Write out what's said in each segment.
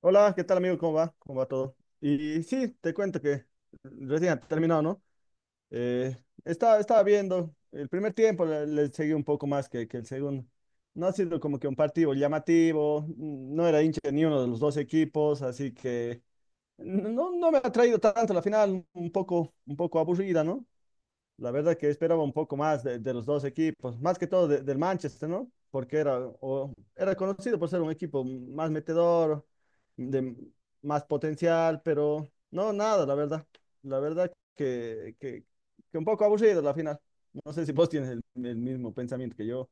Hola, ¿qué tal amigo? ¿Cómo va? ¿Cómo va todo? Y sí, te cuento que recién ha terminado, ¿no? Eh, estaba viendo el primer tiempo, le seguí un poco más que el segundo. No ha sido como que un partido llamativo, no era hincha de ni uno de los dos equipos, así que no me ha traído tanto la final, un poco aburrida, ¿no? La verdad que esperaba un poco más de los dos equipos, más que todo del Manchester, ¿no? Porque era, era conocido por ser un equipo más metedor, de más potencial, pero no, nada, la verdad. La verdad que, que, que un poco aburrido la final. No sé si vos tienes el mismo pensamiento que yo.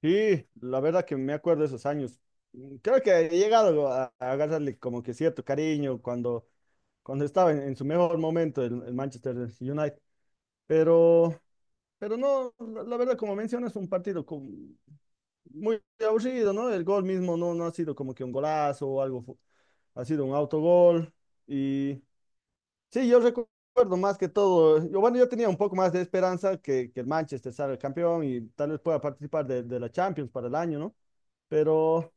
Sí, la verdad que me acuerdo de esos años. Mm, creo que he llegado a agarrarle como que cierto cariño cuando, cuando estaba en su mejor momento el Manchester United. Pero Pero no, la verdad, como mencionas, muy aburrido, ¿no? El gol mismo no, no ha sido como que un golazo o algo, ha sido un autogol. Y sí, yo recuerdo más que todo, yo, bueno, yo tenía un poco más de esperanza que el Manchester salga campeón y tal vez pueda participar de la Champions para el año, ¿no? Pero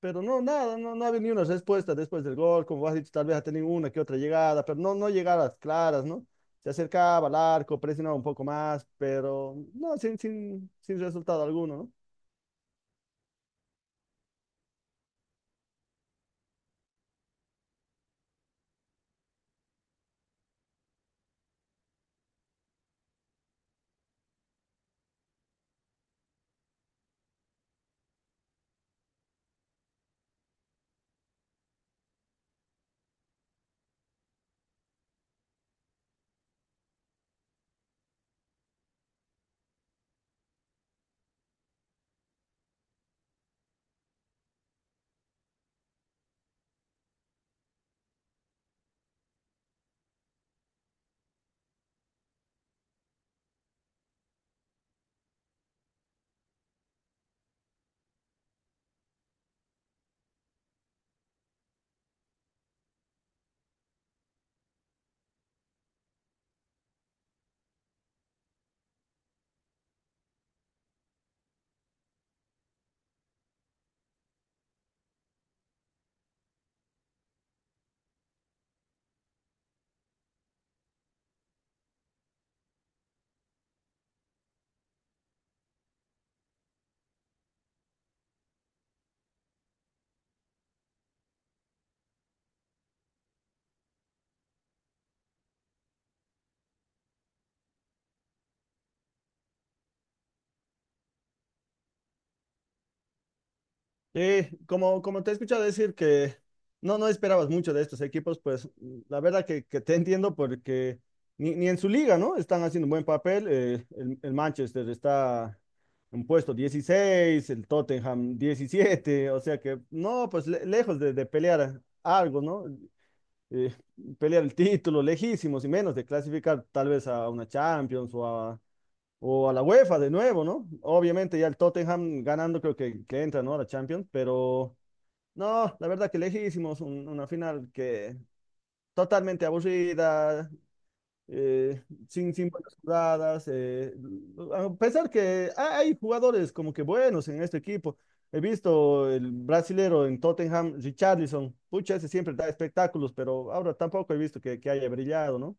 pero no, nada, no ha venido una respuesta después del gol, como has dicho, tal vez ha tenido una que otra llegada, pero no, no llegadas claras, ¿no? Se acercaba al arco, presionaba un poco más, pero no, sin resultado alguno, ¿no? Como te he escuchado decir que no esperabas mucho de estos equipos, pues mm, la verdad que te entiendo porque ni en su liga, ¿no? Están haciendo un buen papel. Eh, el Manchester está en puesto 16, el Tottenham 17, o sea que no, pues lejos de pelear algo, ¿no? Eh, pelear el título, lejísimos y menos de clasificar tal vez a una Champions o a la UEFA de nuevo, ¿no? Obviamente ya el Tottenham ganando creo que entra, ¿no? A la Champions, pero... No, la verdad que lejísimos, una final que totalmente aburrida, sin buenas jugadas. Eh, a pesar que hay jugadores como que buenos en este equipo. He visto el brasilero en Tottenham, Richarlison. Pucha, ese siempre da espectáculos, pero ahora tampoco he visto que haya brillado, ¿no?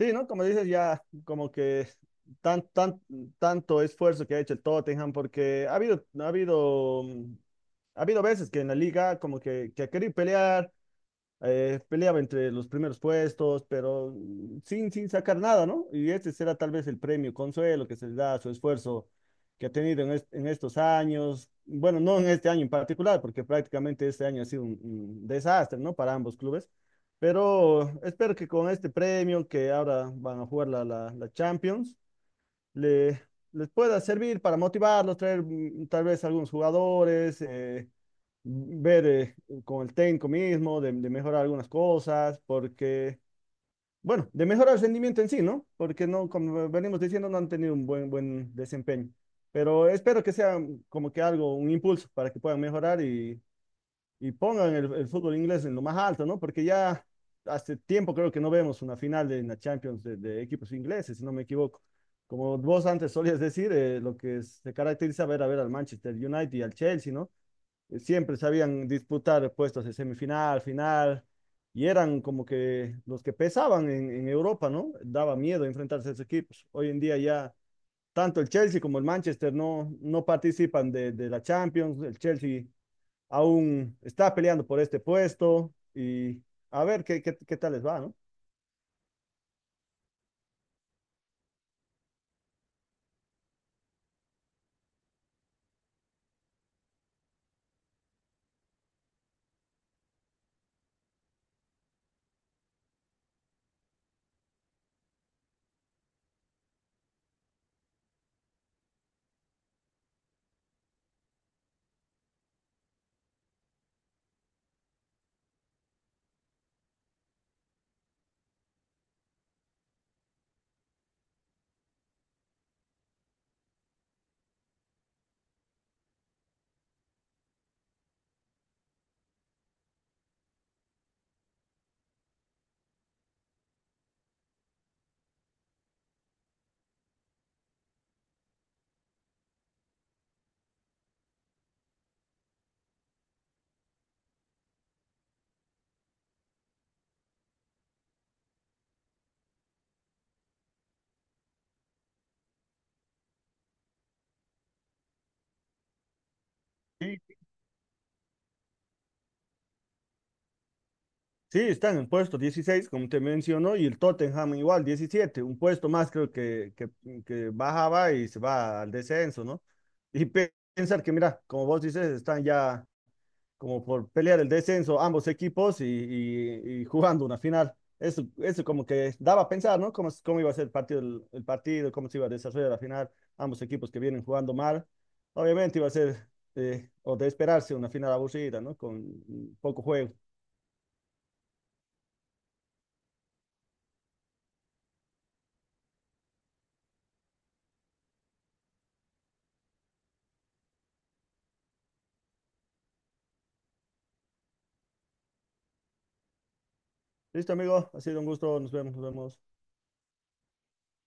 Sí, ¿no? Como dices, ya como que tan, tan, tanto esfuerzo que ha hecho el Tottenham, porque ha habido veces que en la liga como que ha querido pelear, peleaba entre los primeros puestos, pero mm, sin sacar nada, ¿no? Y este será tal vez el premio consuelo que se le da a su esfuerzo que ha tenido en, en estos años, bueno, no en este año en particular, porque prácticamente este año ha sido un desastre, ¿no? Para ambos clubes, pero espero que con este premio que ahora van a jugar la Champions, le, les pueda servir para motivarlos, traer mm, tal vez algunos jugadores. Eh, ver con el técnico mismo, de mejorar algunas cosas, porque, bueno, de mejorar el rendimiento en sí, ¿no? Porque no, como venimos diciendo, no han tenido un buen, buen desempeño. Pero espero que sea como que algo, un impulso para que puedan mejorar y pongan el fútbol inglés en lo más alto, ¿no? Porque ya hace tiempo creo que no vemos una final de la Champions de equipos ingleses, si no me equivoco. Como vos antes solías decir, lo que se caracteriza ver a ver al Manchester United y al Chelsea, ¿no? Eh, siempre sabían disputar puestos de semifinal, final, y eran como que los que pesaban en Europa, ¿no? Daba miedo enfrentarse a esos equipos. Hoy en día ya tanto el Chelsea como el Manchester no, no participan de la Champions, el Chelsea aún está peleando por este puesto y a ver qué tal les va, ¿no? Sí, sí, están en puesto 16, como te mencionó, y el Tottenham igual, 17, un puesto más creo que bajaba y se va al descenso, ¿no? Y pensar que, mira, como vos dices, están ya como por pelear el descenso ambos equipos y, y jugando una final. Eso como que daba a pensar, ¿no? Cómo, cómo iba a ser el partido, el partido, cómo se iba a desarrollar la final, ambos equipos que vienen jugando mal. Obviamente iba a ser, o de esperarse, una final aburrida, ¿no? Con mm, poco juego. Listo, amigo. Ha sido un gusto. Nos vemos. Nos vemos.